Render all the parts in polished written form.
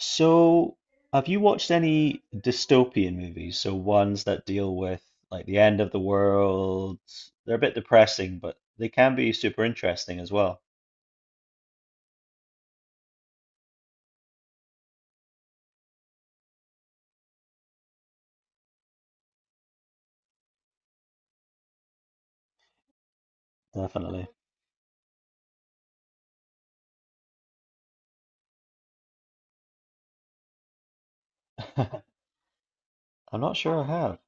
So, have you watched any dystopian movies? So ones that deal with like the end of the world. They're a bit depressing, but they can be super interesting as well. Definitely. I'm not sure I have.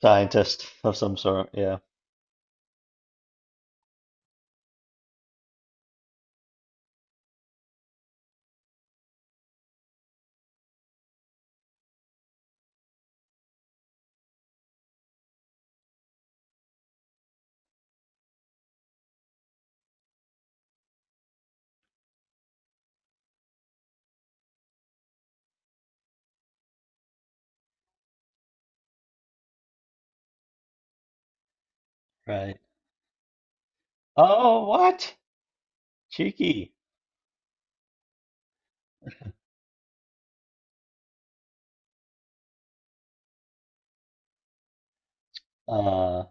Scientist of some sort, yeah. Right. Oh, what? Cheeky. Uh,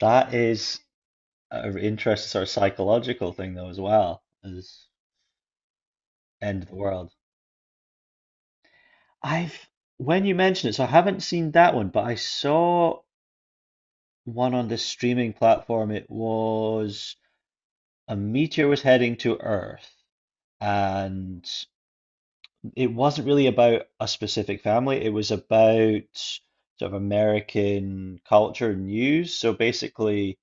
that is an interesting sort of psychological thing though as well as end of the world. I've when you mention it, so I haven't seen that one, but I saw one on the streaming platform. It was A meteor was heading to Earth, and it wasn't really about a specific family. It was about sort of American culture and news. So basically,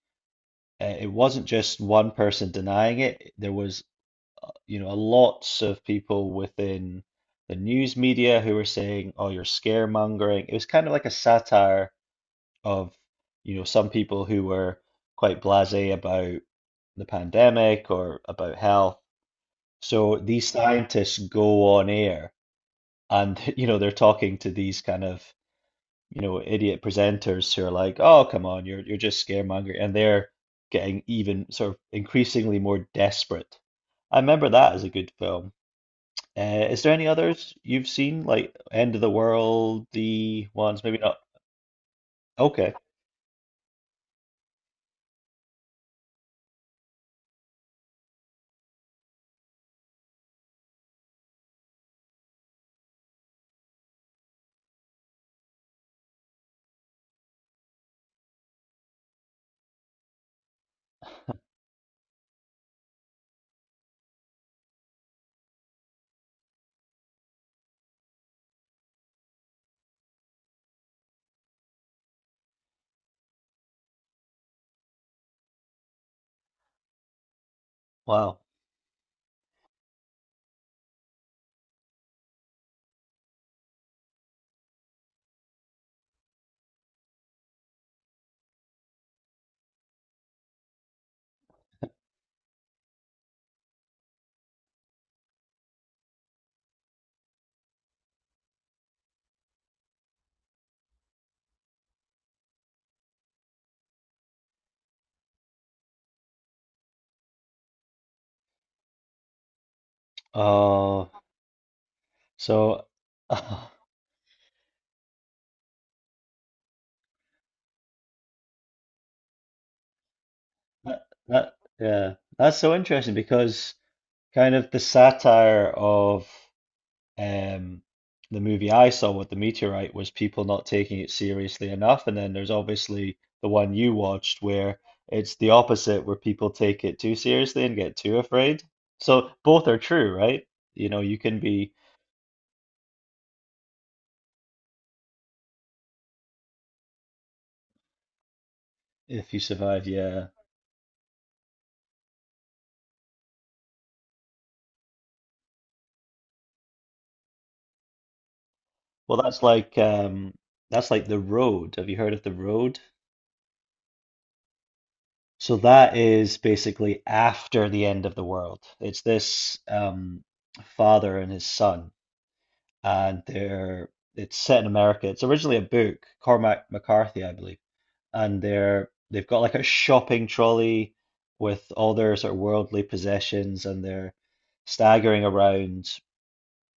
it wasn't just one person denying it. There was, lots of people within the news media who were saying, "Oh, you're scaremongering." It was kind of like a satire of, some people who were quite blasé about the pandemic or about health. So these scientists go on air and they're talking to these kind of idiot presenters who are like, "Oh, come on, you're just scaremongering," and they're getting even sort of increasingly more desperate. I remember that as a good film. Is there any others you've seen like End of the World, the ones maybe not? Okay, wow. Oh, so that that yeah, that's so interesting because, kind of, the satire of um, the movie I saw with the meteorite was people not taking it seriously enough. And then there's obviously the one you watched where it's the opposite, where people take it too seriously and get too afraid. So both are true, right? You know, you can be if you survive, yeah. Well, that's like The Road. Have you heard of The Road? So that is basically after the end of the world. It's this father and his son, and they're it's set in America. It's originally a book, Cormac McCarthy, I believe, and they've got like a shopping trolley with all their sort of worldly possessions, and they're staggering around.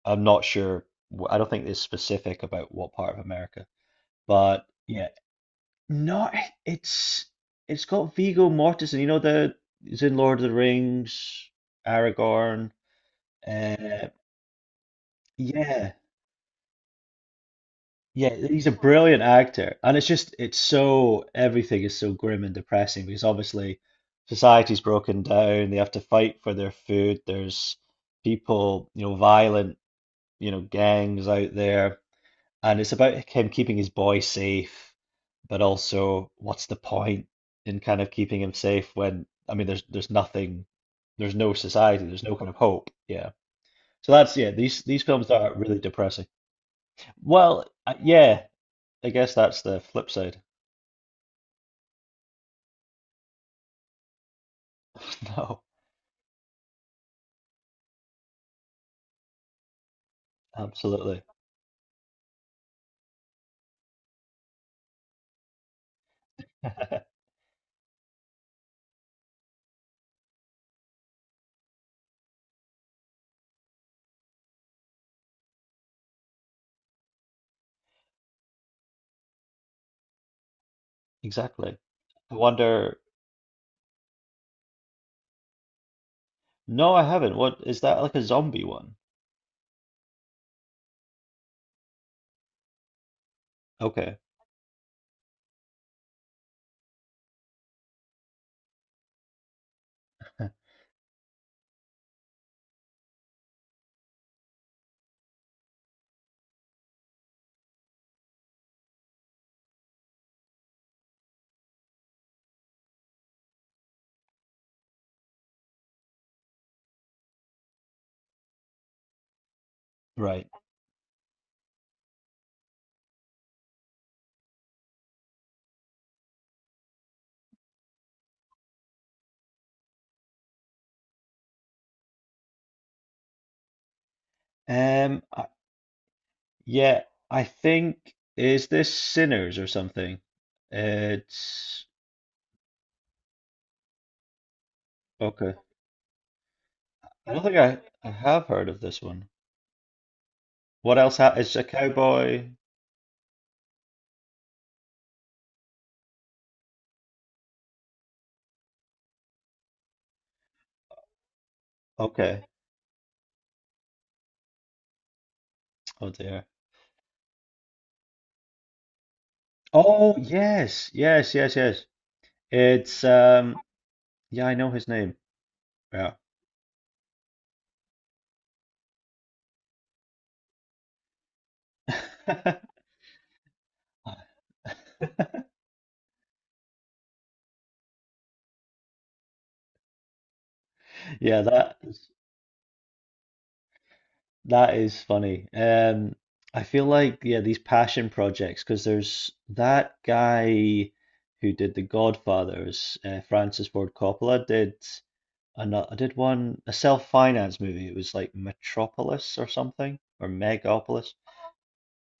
I'm not sure. I don't think it's specific about what part of America, but yeah, not it's it's got Viggo Mortensen. You know the he's in Lord of the Rings, Aragorn. Uh, yeah. Yeah, he's a brilliant actor, and it's so everything is so grim and depressing because obviously society's broken down. They have to fight for their food. There's people, violent, gangs out there, and it's about him keeping his boy safe, but also what's the point in kind of keeping him safe when I mean there's nothing, there's no society, there's no kind of hope. Yeah. So that's yeah, these films are really depressing. Well, yeah. I guess that's the flip side. No, absolutely. Exactly. I wonder. No, I haven't. What is that like a zombie one? Okay. Right. Um, I, yeah, I think, is this Sinners or something? It's okay. I don't think I have heard of this one. What else? Ha It's a cowboy. Okay. Oh dear. Oh yes, yes, yes, yes. It's yeah, I know his name. Yeah. Yeah, that is funny. I feel like, yeah, these passion projects, because there's that guy who did The Godfathers, Francis Ford Coppola, did another. I did one, a self-finance movie. It was like Metropolis or something, or Megapolis.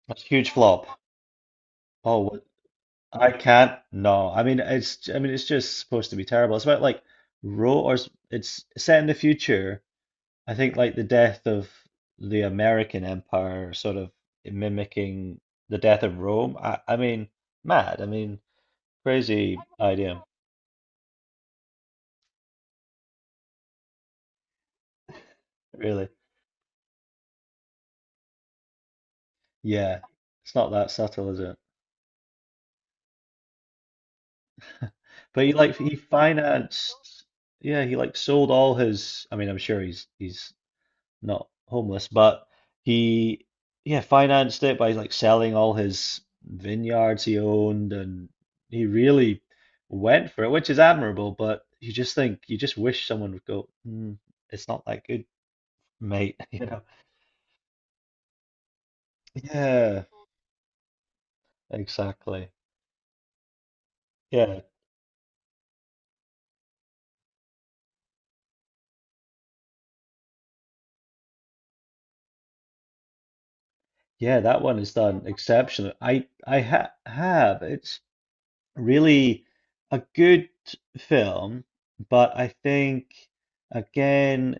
It's a huge flop. Oh, I can't. No, I mean it's just supposed to be terrible. It's about like it's set in the future, I think, like the death of the American Empire, sort of mimicking the death of Rome. I mean, mad. I mean, crazy idea, really. Yeah, it's not that subtle, is it? But he, like, he financed. Yeah, he like sold all his. I mean, I'm sure he's not homeless, but he, yeah, financed it by like selling all his vineyards he owned, and he really went for it, which is admirable. But you just think, you just wish someone would go, "Mm, it's not that good, mate." You know? Yeah, exactly. Yeah, yeah, that one is done exceptionally. I ha have it's really a good film, but I think, again,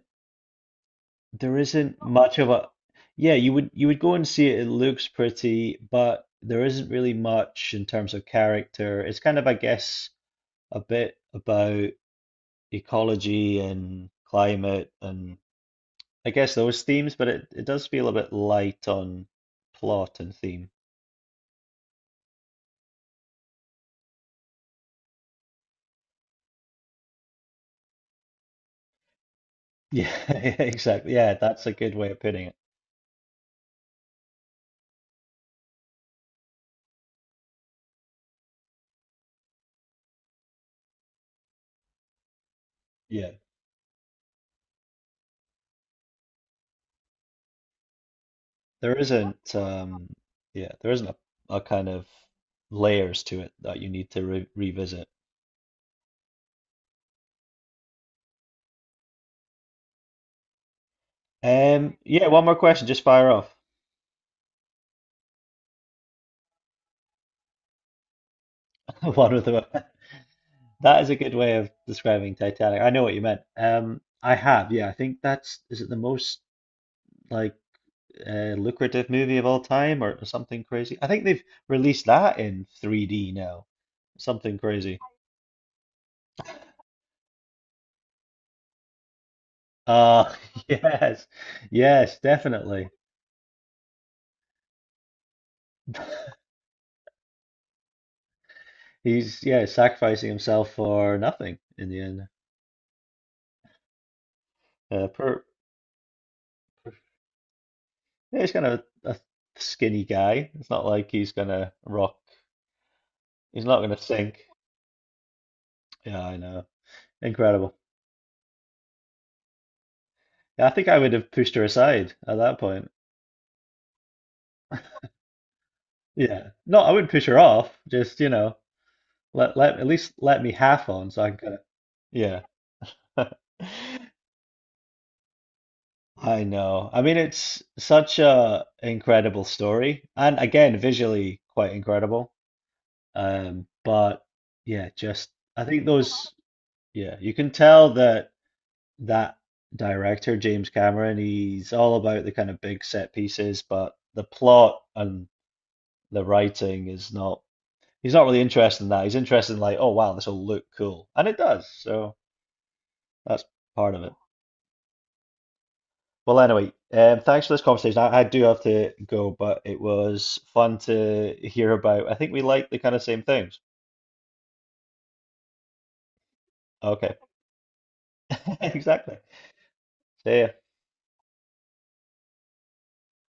there isn't much of a, yeah, you would go and see it, it looks pretty, but there isn't really much in terms of character. It's kind of, I guess, a bit about ecology and climate, and I guess those themes, but it does feel a bit light on plot and theme. Yeah, yeah, exactly. Yeah, that's a good way of putting it. Yeah. There isn't yeah, there isn't a kind of layers to it that you need to re revisit. Yeah, one more question, just fire off. One of them. That is a good way of describing Titanic. I know what you meant. I have, yeah. I think that's, is it the most, like, lucrative movie of all time or something crazy? I think they've released that in 3D now. Something crazy. Uh yes. Yes, definitely. He's, yeah, sacrificing himself for nothing in the end. Uh, per, yeah, he's kind of a skinny guy. It's not like he's gonna rock. He's not going to sink. Yeah, I know. Incredible. Yeah, I think I would have pushed her aside at that point. Yeah. No, I wouldn't push her off. Just, let at least let me half on so I can kind of, yeah. I know. I mean, it's such a incredible story, and again, visually quite incredible. But yeah, just, I think those, yeah, you can tell that that director, James Cameron, he's all about the kind of big set pieces, but the plot and the writing is not, he's not really interested in that. He's interested in like, "Oh wow, this will look cool." And it does. So that's part of it. Well, anyway, thanks for this conversation. I do have to go, but it was fun to hear about. I think we like the kind of same things. Okay, exactly. See ya.